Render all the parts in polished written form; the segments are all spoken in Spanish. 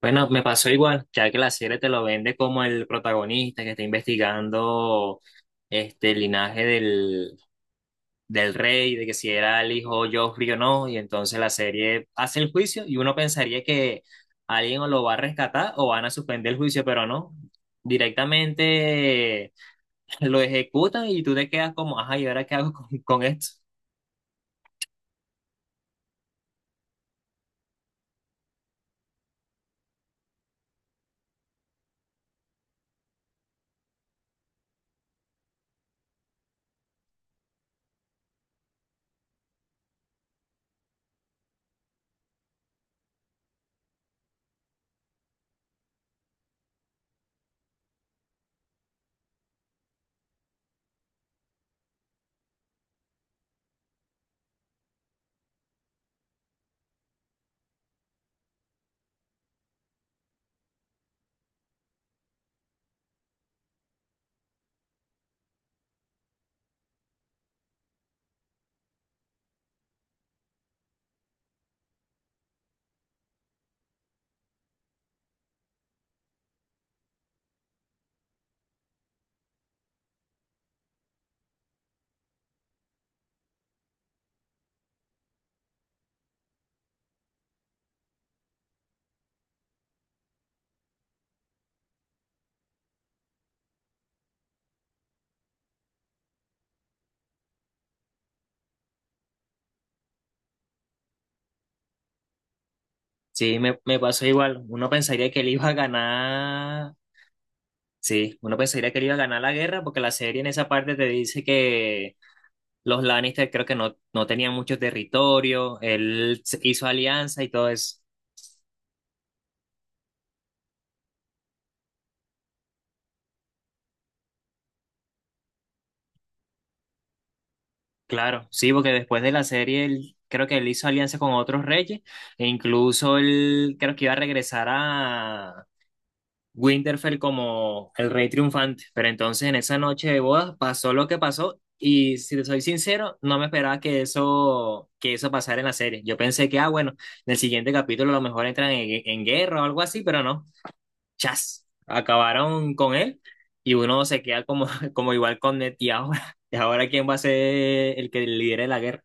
Bueno, me pasó igual, ya que la serie te lo vende como el protagonista que está investigando el linaje del rey, de que si era el hijo Joffrey o no, y entonces la serie hace el juicio y uno pensaría que alguien o lo va a rescatar o van a suspender el juicio, pero no, directamente lo ejecutan y tú te quedas como, ajá, ¿y ahora qué hago con esto? Sí, me pasó igual, uno pensaría que él iba a ganar. Sí, uno pensaría que le iba a ganar la guerra porque la serie en esa parte te dice que los Lannister creo que no tenían mucho territorio, hizo alianza y todo eso. Claro, sí, porque después de la serie él, creo que él hizo alianza con otros reyes e incluso él creo que iba a regresar Winterfell como el rey triunfante, pero entonces en esa noche de bodas pasó lo que pasó y si te soy sincero, no me esperaba que eso pasara en la serie. Yo pensé que, ah, bueno, en el siguiente capítulo a lo mejor entran en guerra o algo así, pero no, chas, acabaron con él y uno se queda como, como igual con Ned y ahora ¿quién va a ser el que lidere la guerra?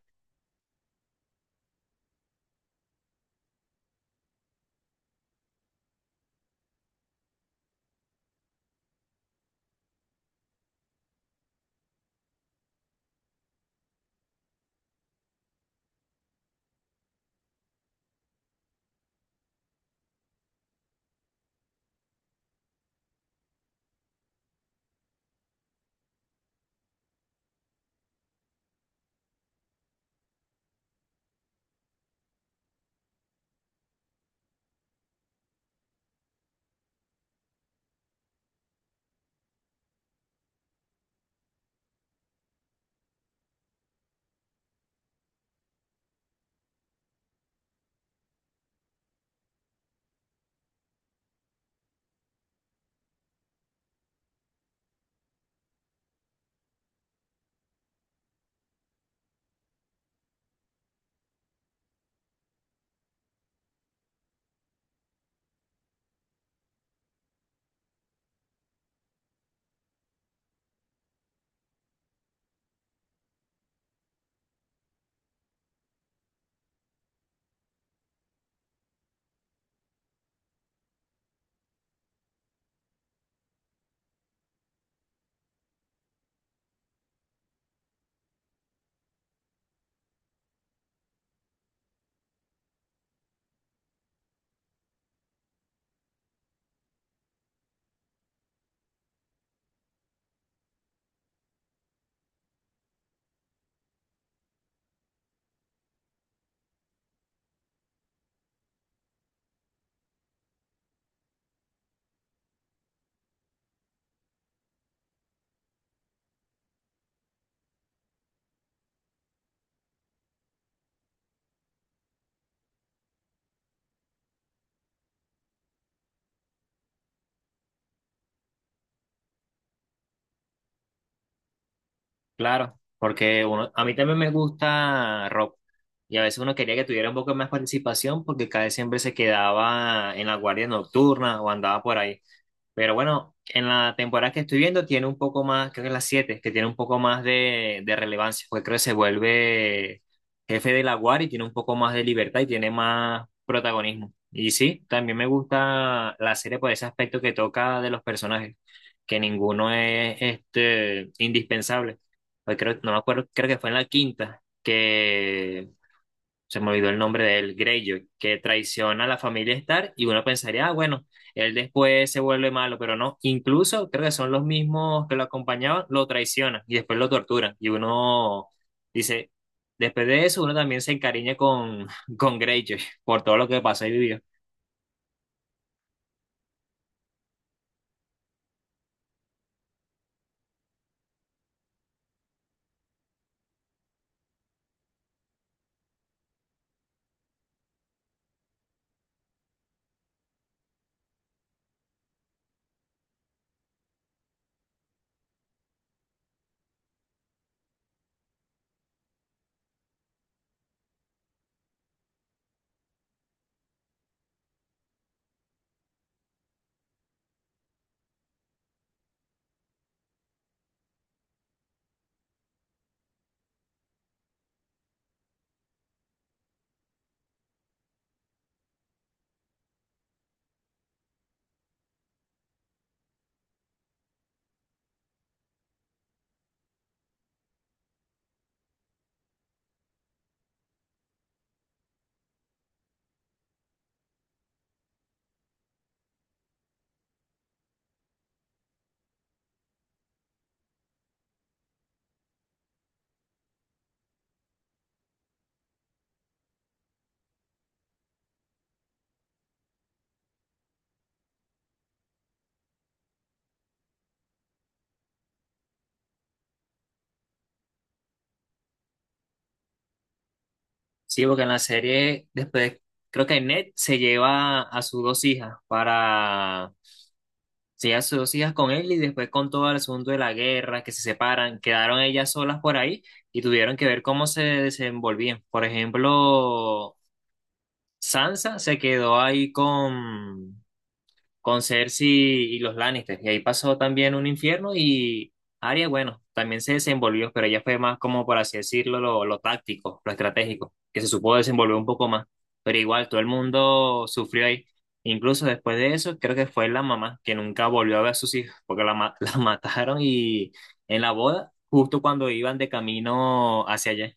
Claro, porque uno, a mí también me gusta rock y a veces uno quería que tuviera un poco más participación porque cada vez siempre se quedaba en la guardia nocturna o andaba por ahí. Pero bueno, en la temporada que estoy viendo tiene un poco más, creo que es la 7 que tiene un poco más de relevancia, pues creo que se vuelve jefe de la guardia y tiene un poco más de libertad y tiene más protagonismo. Y sí, también me gusta la serie por ese aspecto que toca de los personajes, que ninguno es este, indispensable. Pues creo, no me acuerdo, creo que fue en la quinta, que se me olvidó el nombre de él, Greyjoy, que traiciona a la familia Stark y uno pensaría, ah, bueno, él después se vuelve malo, pero no, incluso creo que son los mismos que lo acompañaban, lo traicionan y después lo torturan y uno dice, después de eso uno también se encariña con, con Greyjoy por todo lo que pasó y vivió. Sí, porque en la serie después creo que Ned se lleva a sus dos hijas para sí, a dos hijas con él y después con todo el asunto de la guerra, que se separan, quedaron ellas solas por ahí y tuvieron que ver cómo se desenvolvían. Por ejemplo, Sansa se quedó ahí con Cersei y los Lannister. Y ahí pasó también un infierno y Arya, bueno, también se desenvolvió, pero ella fue más como, por así decirlo, lo táctico, lo estratégico, que se supo desenvolver un poco más. Pero igual, todo el mundo sufrió ahí. Incluso después de eso, creo que fue la mamá, que nunca volvió a ver a sus hijos, porque la mataron y en la boda, justo cuando iban de camino hacia allá.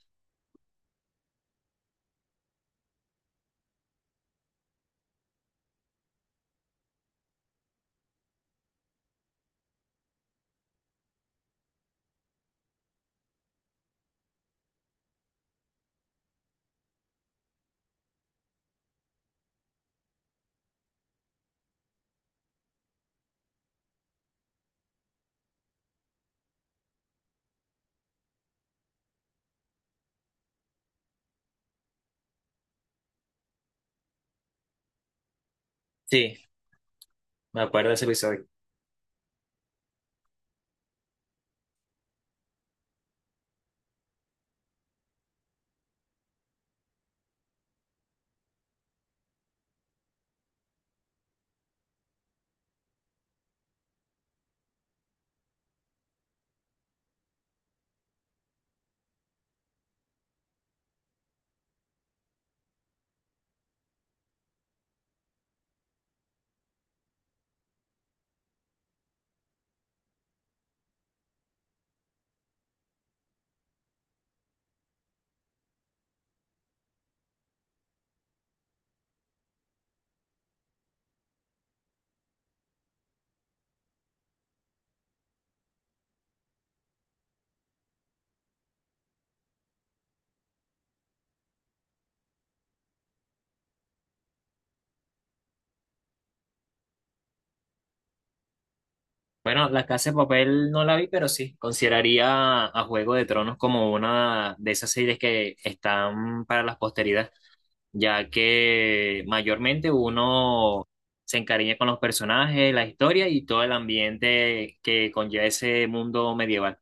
Sí, me acuerdo de ese episodio. Bueno, La Casa de Papel no la vi, pero sí, consideraría a Juego de Tronos como una de esas series que están para la posteridad, ya que mayormente uno se encariña con los personajes, la historia y todo el ambiente que conlleva ese mundo medieval.